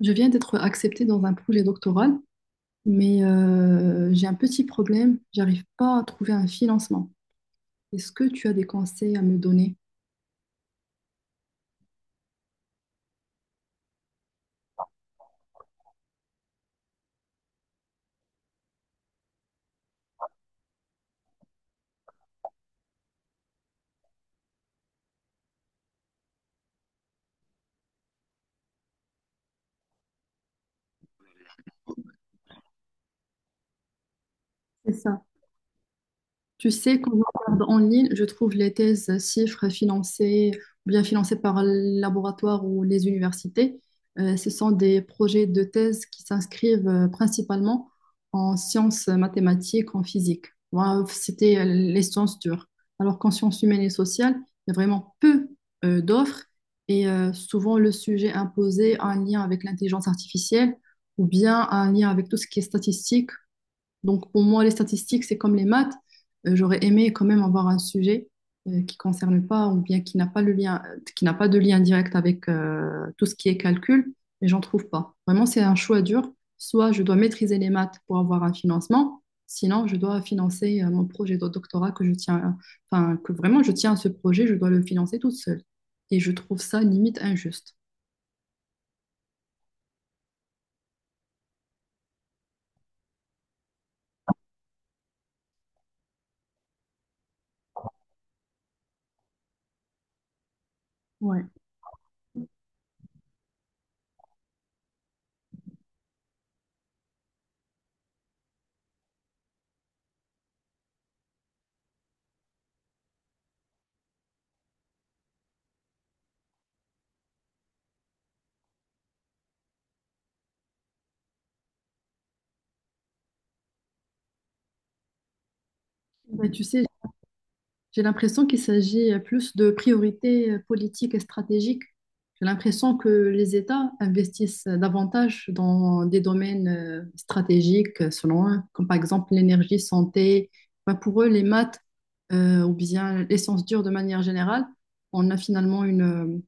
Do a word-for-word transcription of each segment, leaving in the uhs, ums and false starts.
Je viens d'être acceptée dans un projet doctoral, mais euh, j'ai un petit problème. J'arrive pas à trouver un financement. Est-ce que tu as des conseils à me donner? C'est ça. Tu sais, quand je regarde en ligne, je trouve les thèses chiffres financées, ou bien financées par le laboratoire ou les universités. Euh, ce sont des projets de thèse qui s'inscrivent euh, principalement en sciences mathématiques, en physique. Moi, c'était euh, les sciences dures. Alors qu'en sciences humaines et sociales, il y a vraiment peu euh, d'offres et euh, souvent le sujet imposé a un lien avec l'intelligence artificielle ou bien un lien avec tout ce qui est statistique, donc pour moi, les statistiques, c'est comme les maths. Euh, j'aurais aimé quand même avoir un sujet euh, qui concerne pas ou bien qui n'a pas le lien, qui n'a pas de lien direct avec euh, tout ce qui est calcul, mais j'en trouve pas. Vraiment, c'est un choix dur. Soit je dois maîtriser les maths pour avoir un financement, sinon je dois financer euh, mon projet de doctorat que je tiens, enfin que vraiment je tiens à ce projet, je dois le financer toute seule. Et je trouve ça limite injuste. Ouais. Bah, tu sais, j'ai l'impression qu'il s'agit plus de priorités euh, politiques et stratégiques. J'ai l'impression que les États investissent davantage dans des domaines euh, stratégiques, euh, selon eux, comme par exemple l'énergie, santé. Enfin, pour eux, les maths euh, ou bien les sciences dures de manière générale, on a finalement une, euh,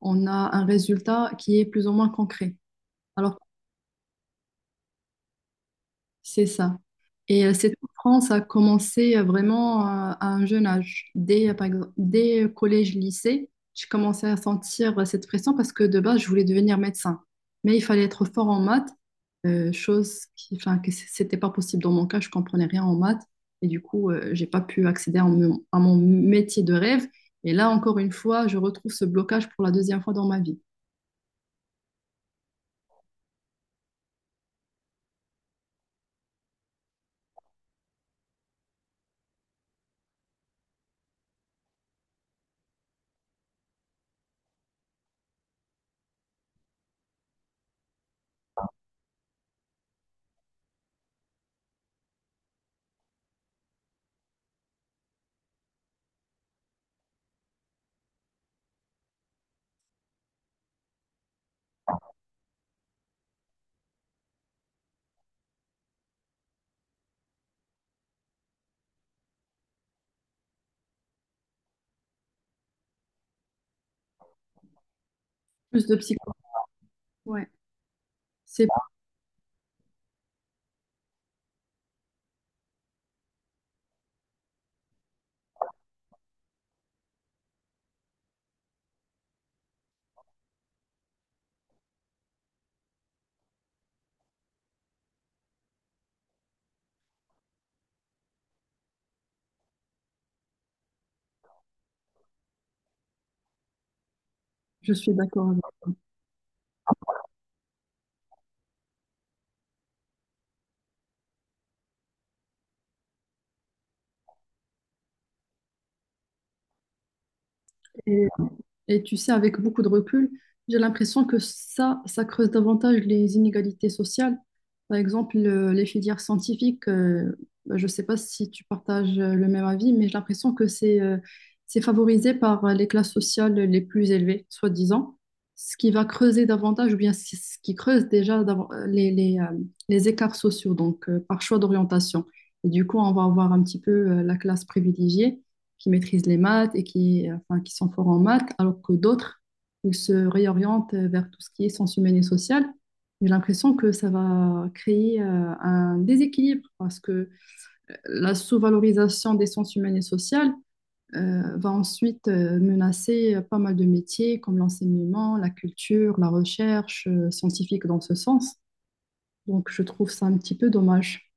on a un résultat qui est plus ou moins concret. Alors c'est ça. Et euh, cette souffrance a commencé euh, vraiment euh, à un jeune âge. Dès, euh, par exemple, dès euh, collège, lycée, j'ai commencé à sentir euh, cette pression parce que de base, je voulais devenir médecin. Mais il fallait être fort en maths, euh, chose qui, enfin, que c- c'était pas possible dans mon cas, je comprenais rien en maths. Et du coup, euh, j'ai pas pu accéder à mon, à mon métier de rêve. Et là, encore une fois, je retrouve ce blocage pour la deuxième fois dans ma vie. Plus de psycho. Ouais, c'est, bon, je suis d'accord avec toi. Et tu sais, avec beaucoup de recul, j'ai l'impression que ça, ça creuse davantage les inégalités sociales. Par exemple, le- les filières scientifiques, euh, bah, je ne sais pas si tu partages euh, le même avis, mais j'ai l'impression que c'est euh, c'est favorisé par euh, les classes sociales les plus élevées, soi-disant, ce qui va creuser davantage, ou bien c- ce qui creuse déjà dav- euh, les, les, euh, les écarts sociaux, donc euh, par choix d'orientation. Et du coup, on va avoir un petit peu euh, la classe privilégiée qui maîtrisent les maths et qui, enfin, qui sont forts en maths, alors que d'autres, ils se réorientent vers tout ce qui est sens humain et social. J'ai l'impression que ça va créer euh, un déséquilibre parce que euh, la sous-valorisation des sciences humaines et sociales euh, va ensuite euh, menacer pas mal de métiers comme l'enseignement, la culture, la recherche euh, scientifique dans ce sens. Donc je trouve ça un petit peu dommage.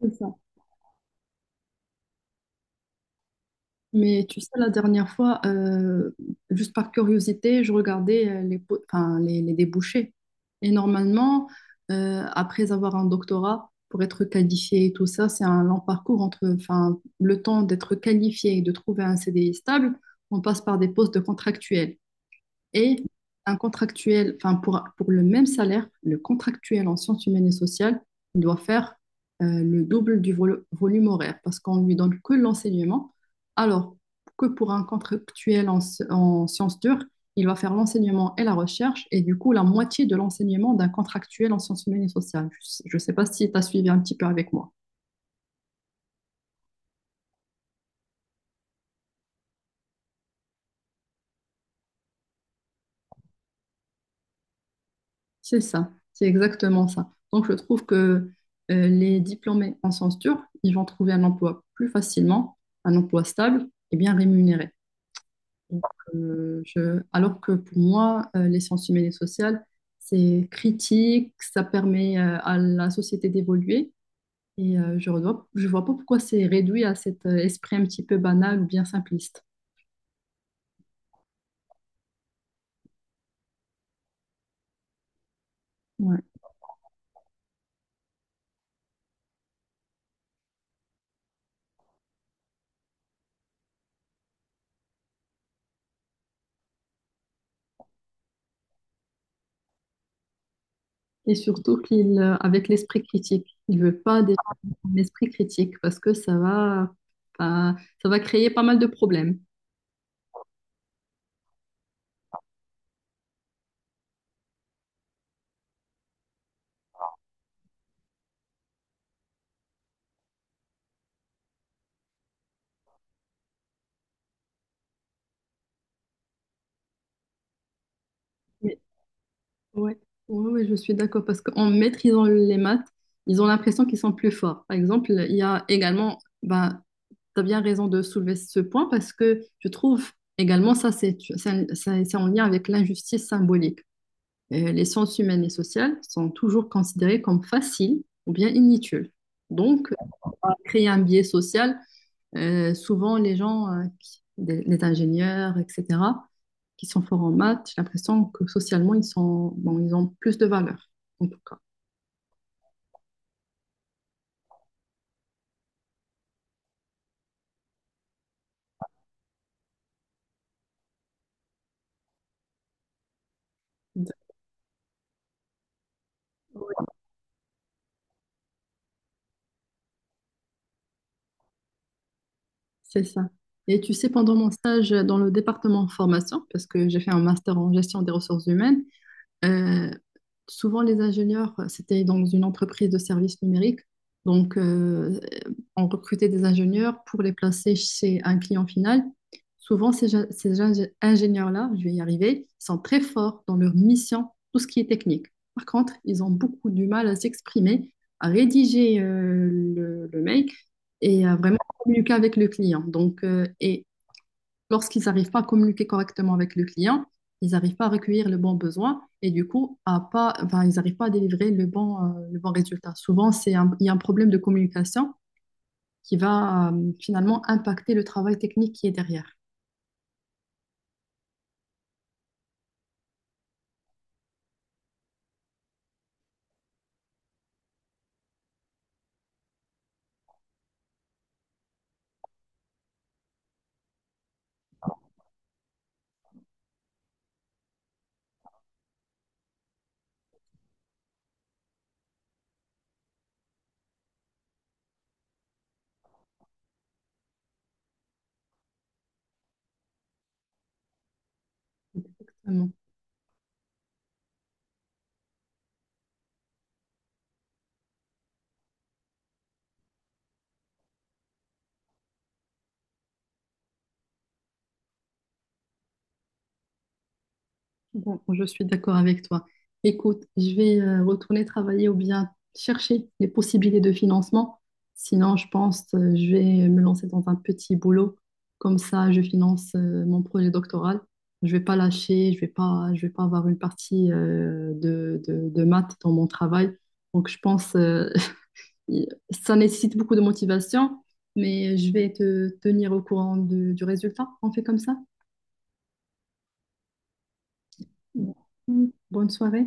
C'est ça. Mais tu sais, la dernière fois, euh, juste par curiosité, je regardais euh, les, po- enfin, les, les débouchés. Et normalement, euh, après avoir un doctorat, pour être qualifié et tout ça, c'est un long parcours entre, enfin, le temps d'être qualifié et de trouver un C D I stable, on passe par des postes de contractuels. Et un contractuel, enfin pour, pour le même salaire, le contractuel en sciences humaines et sociales, il doit faire euh, le double du vol- volume horaire parce qu'on lui donne que l'enseignement, alors que pour un contractuel en, en sciences dures, il va faire l'enseignement et la recherche et du coup la moitié de l'enseignement d'un contractuel en sciences humaines et sociales. Je ne sais pas si tu as suivi un petit peu avec moi. C'est ça, c'est exactement ça. Donc, je trouve que euh, les diplômés en sciences dures, ils vont trouver un emploi plus facilement, un emploi stable et bien rémunéré. Donc, euh, je- alors que pour moi, euh, les sciences humaines et sociales, c'est critique, ça permet euh, à la société d'évoluer et euh, je ne vois, je vois pas pourquoi c'est réduit à cet euh, esprit un petit peu banal ou bien simpliste. Ouais. Et surtout qu'il, euh, avec l'esprit critique, il veut pas des gens qui ont l'esprit critique parce que ça va, pas- ça va créer pas mal de problèmes. Mais, ouais, ouais, ouais, je suis d'accord parce qu'en maîtrisant les maths, ils ont l'impression qu'ils sont plus forts. Par exemple, il y a également, bah, tu as bien raison de soulever ce point parce que je trouve également ça, c'est c'est un- c'est- c'est en lien avec l'injustice symbolique. Euh, les sciences humaines et sociales sont toujours considérées comme faciles ou bien inutiles. Donc, créer un biais social. Euh, souvent, les gens, euh, qui- des- les ingénieurs, et cetera, qui sont forts en maths, j'ai l'impression que socialement, ils sont, bon, ils ont plus de valeur, en tout cas. C'est ça. Et tu sais, pendant mon stage dans le département formation, parce que j'ai fait un master en gestion des ressources humaines, Euh, souvent, les ingénieurs, euh, c'était dans une entreprise de services numériques. Donc, euh, on recrutait des ingénieurs pour les placer chez un client final. Souvent, ces, ge- ces ingé- ingénieurs-là, je vais y arriver, sont très forts dans leur mission, tout ce qui est technique. Par contre, ils ont beaucoup du mal à s'exprimer, à rédiger euh, le, le mail et à vraiment communiquer avec le client. Donc, euh, et lorsqu'ils n'arrivent pas à communiquer correctement avec le client, ils n'arrivent pas à recueillir le bon besoin et du coup, à pas, enfin, ils n'arrivent pas à délivrer le bon, euh, le bon résultat. Souvent, c'est un- il y a un problème de communication qui va euh, finalement impacter le travail technique qui est derrière. Exactement. Bon, je suis d'accord avec toi. Écoute, je vais euh, retourner travailler ou bien chercher les possibilités de financement. Sinon, je pense euh, je vais me lancer dans un petit boulot. Comme ça, je finance euh, mon projet doctoral. Je vais pas lâcher, je vais pas, je vais pas avoir une partie euh, de, de, de maths dans mon travail. Donc, je pense euh, ça nécessite beaucoup de motivation, mais je vais te tenir au courant de- du résultat. On fait comme ça. Bonne soirée.